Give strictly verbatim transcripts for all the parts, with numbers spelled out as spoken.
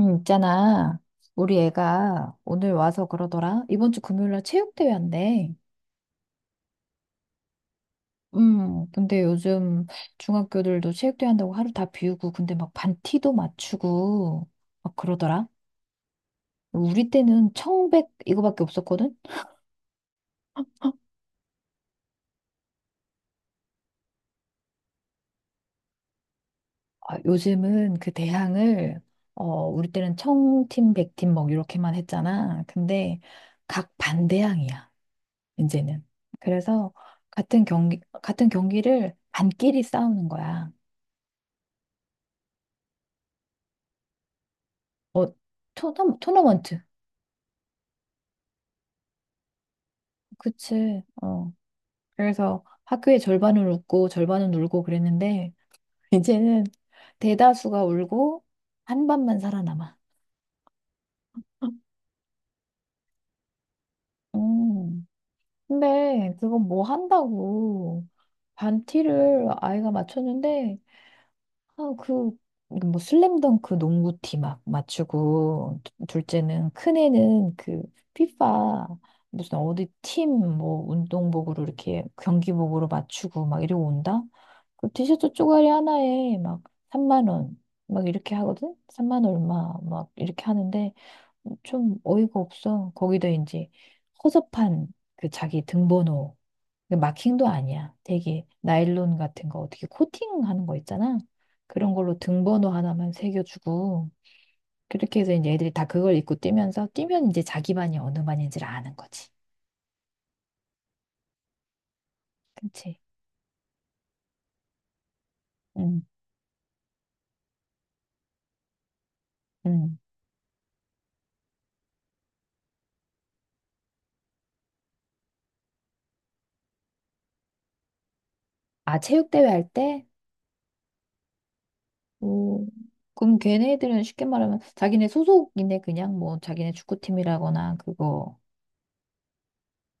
응, 있잖아. 우리 애가 오늘 와서 그러더라. 이번 주 금요일 날 체육대회 한대. 음, 근데 요즘 중학교들도 체육대회 한다고 하루 다 비우고, 근데 막 반티도 맞추고, 막 그러더라. 우리 때는 청백 이거밖에 없었거든? 아, 요즘은 그 대항을, 어, 우리 때는 청팀, 백팀 막 이렇게만 했잖아. 근데 각 반대항이야, 이제는. 그래서 같은 경기, 같은 경기를 반끼리 싸우는 거야. 어, 토너, 토너먼트. 그치. 어. 그래서 학교의 절반은 웃고 절반은 울고 그랬는데, 이제는 대다수가 울고 한 반만 살아남아. 음. 근데 그건 뭐 한다고. 반티를 아이가 맞췄는데, 아, 그, 뭐, 슬램덩크 농구티 막 맞추고, 두- 둘째는, 큰애는 그, 피파, 무슨 어디 팀, 뭐, 운동복으로 이렇게 경기복으로 맞추고 막 이러고 온다? 그 티셔츠 쪼가리 하나에 막 삼만 원, 막 이렇게 하거든? 삼만 얼마, 막 이렇게 하는데, 좀 어이가 없어. 거기다 이제, 허접한 그 자기 등번호, 그 마킹도 아니야. 되게 나일론 같은 거 어떻게 코팅하는 거 있잖아. 그런 걸로 등번호 하나만 새겨주고 그렇게 해서 이제 애들이 다 그걸 입고 뛰면서 뛰면 이제 자기 반이 어느 반인지를 아는 거지. 그치? 응, 응. 아, 체육대회 할 때? 오, 그럼 걔네들은 쉽게 말하면 자기네 소속이네. 그냥 뭐 자기네 축구팀이라거나 그거,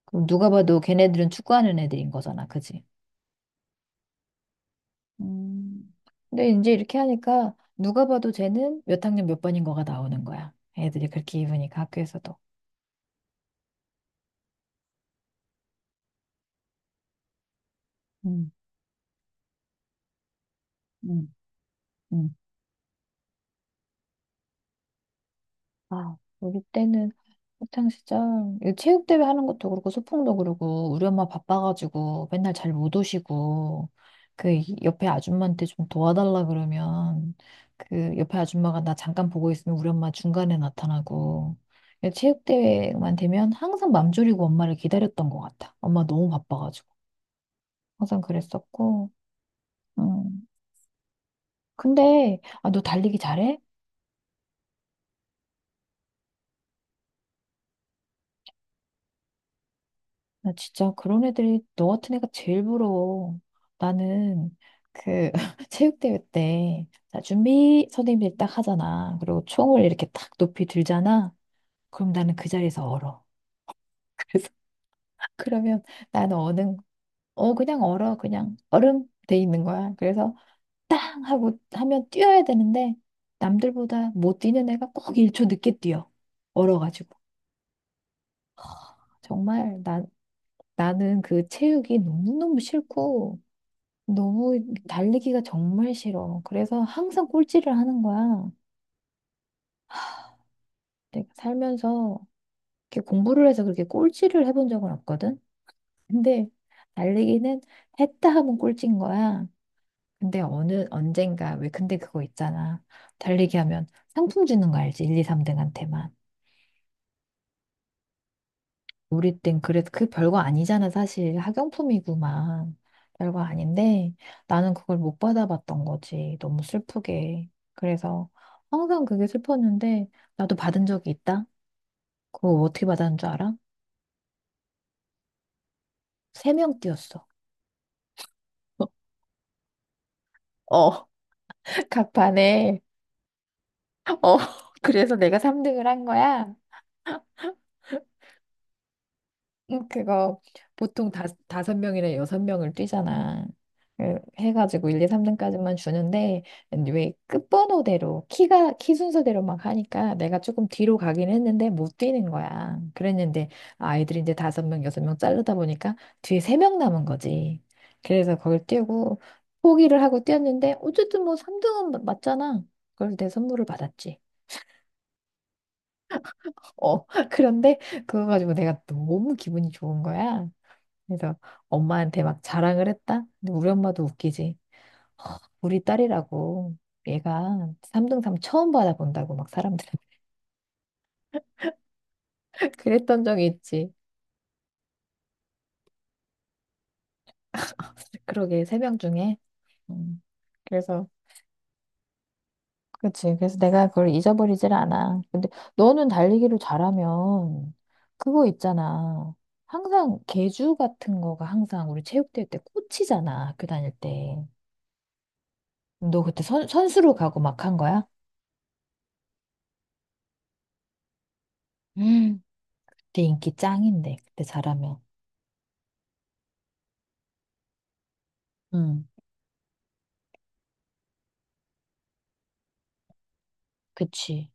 그럼 누가 봐도 걔네들은 축구하는 애들인 거잖아. 그지? 음. 근데 이제 이렇게 하니까 누가 봐도 쟤는 몇 학년 몇 번인 거가 나오는 거야. 애들이 그렇게 입으니까 학교에서도. 음, 음, 음. 아, 우리 때는 학창시절 체육대회 하는 것도 그렇고 소풍도 그러고 우리 엄마 바빠가지고 맨날 잘 못 오시고 그 옆에 아줌마한테 좀 도와달라 그러면 그 옆에 아줌마가 나 잠깐 보고 있으면 우리 엄마 중간에 나타나고 체육대회만 되면 항상 맘 졸이고 엄마를 기다렸던 것 같아. 엄마 너무 바빠가지고. 항상 그랬었고. 음. 근데 아, 너 달리기 잘해? 나 진짜 그런 애들이 너 같은 애가 제일 부러워. 나는 그 체육대회 때 자, 준비 선생님들이 딱 하잖아. 그리고 총을 이렇게 딱 높이 들잖아. 그럼 나는 그 자리에서 얼어. 그래서 그러면 나는 어는, 어 그냥 얼어. 그냥 얼음 돼 있는 거야. 그래서 땅 하고 하면 뛰어야 되는데 남들보다 못 뛰는 애가 꼭 일 초 늦게 뛰어. 얼어가지고. 정말 나는 그 체육이 너무너무 싫고, 너무 달리기가 정말 싫어. 그래서 항상 꼴찌를 하는 거야. 내가 살면서 이렇게 공부를 해서 그렇게 꼴찌를 해본 적은 없거든? 근데 달리기는 했다 하면 꼴찌인 거야. 근데 어느, 언젠가, 왜 근데 그거 있잖아. 달리기 하면 상품 주는 거 알지? 일, 이, 삼 등한테만. 우리 땐 그래도 그 별거 아니잖아, 사실. 학용품이구만. 별거 아닌데 나는 그걸 못 받아봤던 거지. 너무 슬프게. 그래서 항상 그게 슬펐는데 나도 받은 적이 있다. 그거 어떻게 받았는 줄 알아? 세 명 띄었어. 어, 각판에. 어, 그래서 내가 삼 등을 한 거야. 음, 그거 보통 다, 다섯 명이나 여섯 명을 뛰잖아. 그 해가지고 일, 이, 삼 등까지만 주는데 왜 끝번호대로 키가 키 순서대로 막 하니까 내가 조금 뒤로 가긴 했는데 못 뛰는 거야. 그랬는데 아이들이 이제 다섯 명, 여섯 명 자르다 보니까 뒤에 세 명 남은 거지. 그래서 그걸 뛰고 포기를 하고 뛰었는데 어쨌든 뭐 삼 등은 맞잖아. 그걸 내 선물을 받았지. 어, 그런데 그거 가지고 내가 너무 기분이 좋은 거야. 그래서 엄마한테 막 자랑을 했다? 근데 우리 엄마도 웃기지. 우리 딸이라고 얘가 삼 등 삼 처음 받아본다고 막 사람들 그랬던 적이 있지. 그러게 세 명 중에. 음, 그래서 그치. 그래서 내가 그걸 잊어버리질 않아. 근데 너는 달리기를 잘하면 그거 있잖아. 항상 계주 같은 거가 항상 우리 체육대회 때 꽂히잖아. 학교 다닐 때. 너 그때 선, 선수로 가고 막 한 거야? 음. 그때 인기 짱인데 그때 잘하면. 응, 그치.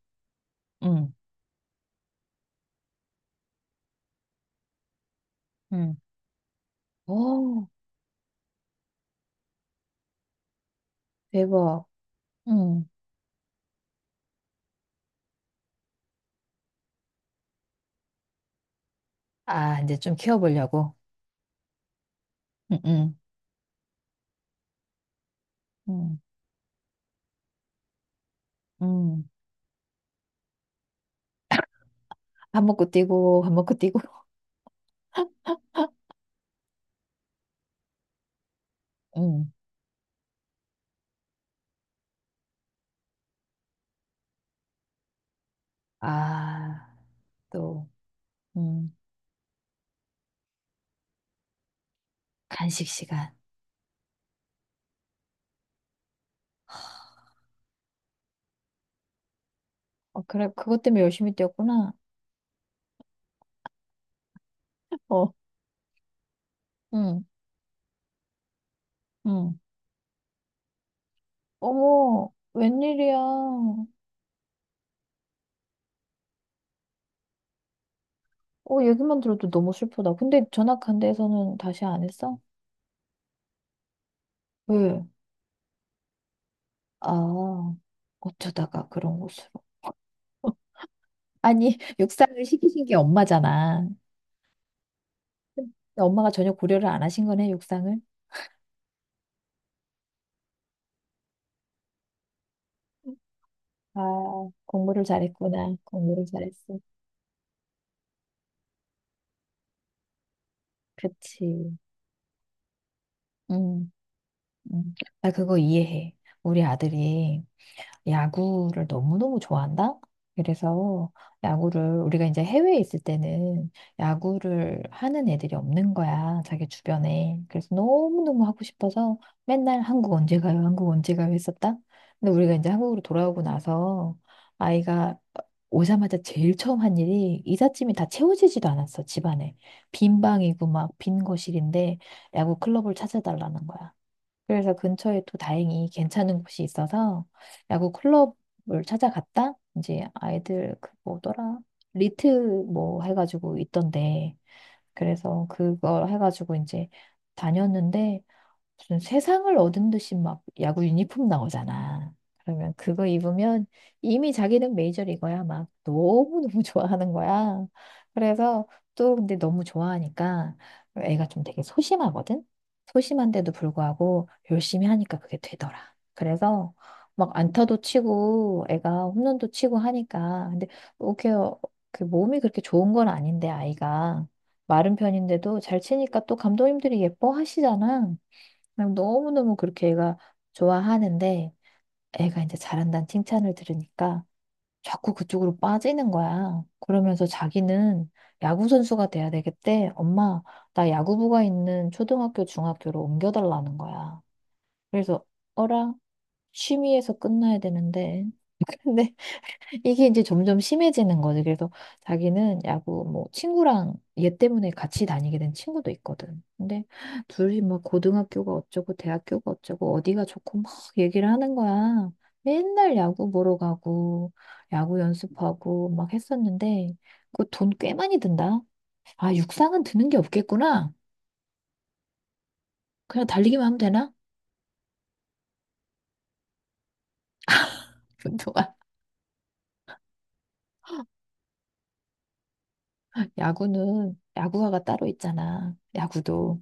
응, 응. 오, 대박. 응. 아, 이제 좀 키워보려고. 응, 응, 응, 응. 밥 먹고 뛰고, 밥 먹고 뛰고. 응. 아, 또, 응. 간식 시간. 어, 그래, 그것 때문에 열심히 뛰었구나. 어, 응, 응. 어머, 웬일이야. 어, 얘기만 들어도 너무 슬프다. 근데 전학한 데에서는 다시 안 했어? 왜? 아, 어쩌다가 그런 곳으로. 아니, 육상을 시키신 게 엄마잖아. 근데 엄마가 전혀 고려를 안 하신 거네, 육상을. 아, 공부를 잘했구나. 공부를 잘했어. 그치. 응, 응. 나 그거 이해해. 우리 아들이 야구를 너무너무 좋아한다? 그래서 야구를 우리가 이제 해외에 있을 때는 야구를 하는 애들이 없는 거야, 자기 주변에. 그래서 너무너무 하고 싶어서 맨날 한국 언제 가요, 한국 언제 가요 했었다. 근데 우리가 이제 한국으로 돌아오고 나서 아이가 오자마자 제일 처음 한 일이 이삿짐이 다 채워지지도 않았어, 집안에. 빈 방이고 막 빈 거실인데 야구 클럽을 찾아달라는 거야. 그래서 근처에 또 다행히 괜찮은 곳이 있어서 야구 클럽을 찾아갔다. 이제 아이들 그 뭐더라? 리트 뭐 해가지고 있던데. 그래서 그걸 해가지고 이제 다녔는데 무슨 세상을 얻은 듯이 막 야구 유니폼 나오잖아. 그러면 그거 입으면 이미 자기는 메이저리거야. 막 너무너무 좋아하는 거야. 그래서 또 근데 너무 좋아하니까 애가 좀 되게 소심하거든? 소심한데도 불구하고 열심히 하니까 그게 되더라. 그래서 막 안타도 치고 애가 홈런도 치고 하니까. 근데 그게 그 몸이 그렇게 좋은 건 아닌데 아이가 마른 편인데도 잘 치니까 또 감독님들이 예뻐하시잖아. 그냥 너무너무 그렇게 애가 좋아하는데 애가 이제 잘한다는 칭찬을 들으니까 자꾸 그쪽으로 빠지는 거야. 그러면서 자기는 야구선수가 돼야 되겠대. 엄마, 나 야구부가 있는 초등학교, 중학교로 옮겨달라는 거야. 그래서 어라? 취미에서 끝나야 되는데. 근데 이게 이제 점점 심해지는 거지. 그래서 자기는 야구 뭐 친구랑, 얘 때문에 같이 다니게 된 친구도 있거든. 근데 둘이 막 고등학교가 어쩌고 대학교가 어쩌고 어디가 좋고 막 얘기를 하는 거야. 맨날 야구 보러 가고 야구 연습하고 막 했었는데 그 돈 꽤 많이 든다. 아, 육상은 드는 게 없겠구나. 그냥 달리기만 하면 되나? 그동안 야구는 야구화가 따로 있잖아. 야구도.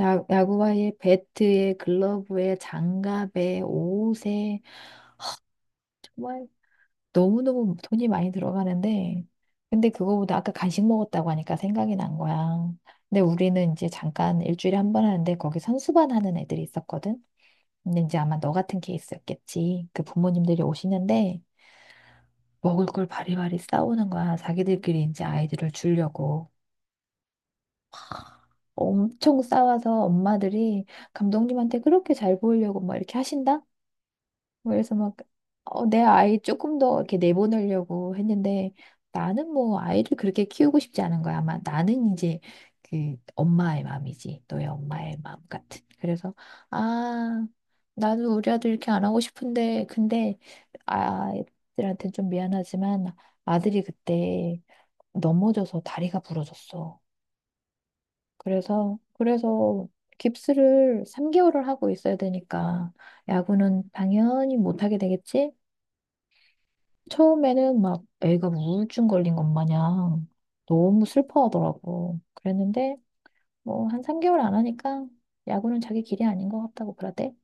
야, 야구화에 배트에 글러브에 장갑에 옷에, 정말 너무너무 돈이 많이 들어가는데. 근데 그거보다 아까 간식 먹었다고 하니까 생각이 난 거야. 근데 우리는 이제 잠깐 일주일에 한 번 하는데 거기 선수반 하는 애들이 있었거든. 근데 이제 아마 너 같은 케이스였겠지. 그 부모님들이 오시는데 먹을 걸 바리바리 싸우는 거야. 자기들끼리 이제 아이들을 주려고. 엄청 싸워서 엄마들이 감독님한테 그렇게 잘 보이려고 막 이렇게 하신다? 그래서 막, 어, 내 아이 조금 더 이렇게 내보내려고 했는데, 나는 뭐 아이를 그렇게 키우고 싶지 않은 거야. 아마 나는 이제 그 엄마의 마음이지. 너의 엄마의 마음 같은. 그래서, 아, 나도 우리 아들 이렇게 안 하고 싶은데, 근데 아이들한테 좀 미안하지만 아들이 그때 넘어져서 다리가 부러졌어. 그래서, 그래서 깁스를 삼 개월을 하고 있어야 되니까 야구는 당연히 못하게 되겠지? 처음에는 막 애가 우울증 걸린 것 마냥 너무 슬퍼하더라고. 그랬는데 뭐 한 삼 개월 안 하니까 야구는 자기 길이 아닌 것 같다고 그러대.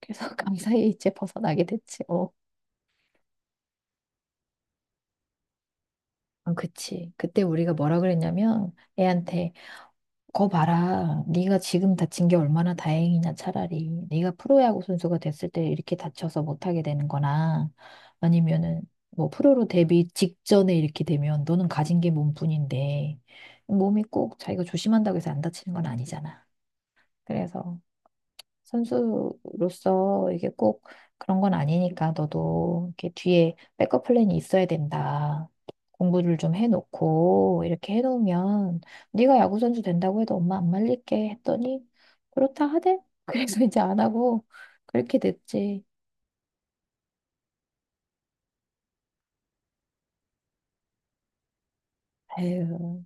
그래서 강사에 이제 벗어나게 됐지. 어, 어, 그치. 그때 우리가 뭐라 그랬냐면 애한테 거 봐라. 네가 지금 다친 게 얼마나 다행이냐, 차라리. 네가 프로야구 선수가 됐을 때 이렇게 다쳐서 못하게 되는 거나, 아니면은, 뭐, 프로로 데뷔 직전에 이렇게 되면 너는 가진 게 몸뿐인데, 몸이 꼭 자기가 조심한다고 해서 안 다치는 건 아니잖아. 그래서 선수로서 이게 꼭 그런 건 아니니까 너도 이렇게 뒤에 백업 플랜이 있어야 된다. 공부를 좀 해놓고 이렇게 해놓으면 네가 야구 선수 된다고 해도 엄마 안 말릴게 했더니 그렇다 하대. 그래서 이제 안 하고 그렇게 됐지. 에휴.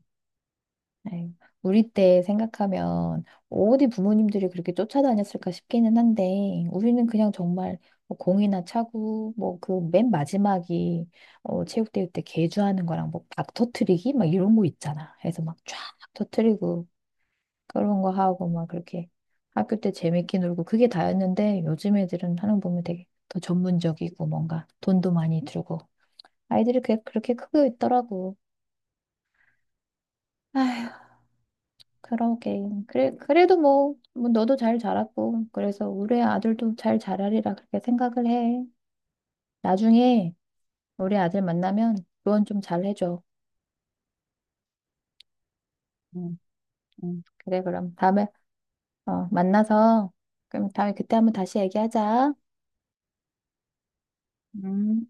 네. 우리 때 생각하면 어디 부모님들이 그렇게 쫓아다녔을까 싶기는 한데 우리는 그냥 정말 뭐 공이나 차고 뭐 그 맨 마지막이 어, 체육대회 때 개주하는 거랑 뭐 박 터트리기 막 이런 거 있잖아. 그래서 막 쫙 터트리고 그런 거 하고 막 그렇게 학교 때 재밌게 놀고 그게 다였는데 요즘 애들은 하는 거 보면 되게 더 전문적이고 뭔가 돈도 많이 들고 아이들이 그게 그렇게 크고 있더라고. 아휴, 그러게. 그래, 그래도 뭐, 뭐 너도 잘 자랐고, 그래서 우리 아들도 잘 자라리라 그렇게 생각을 해. 나중에 우리 아들 만나면 조언 좀 잘 해줘. 응, 응. 그래, 그럼 다음에, 어, 만나서, 그럼 다음에 그때 한번 다시 얘기하자. 음.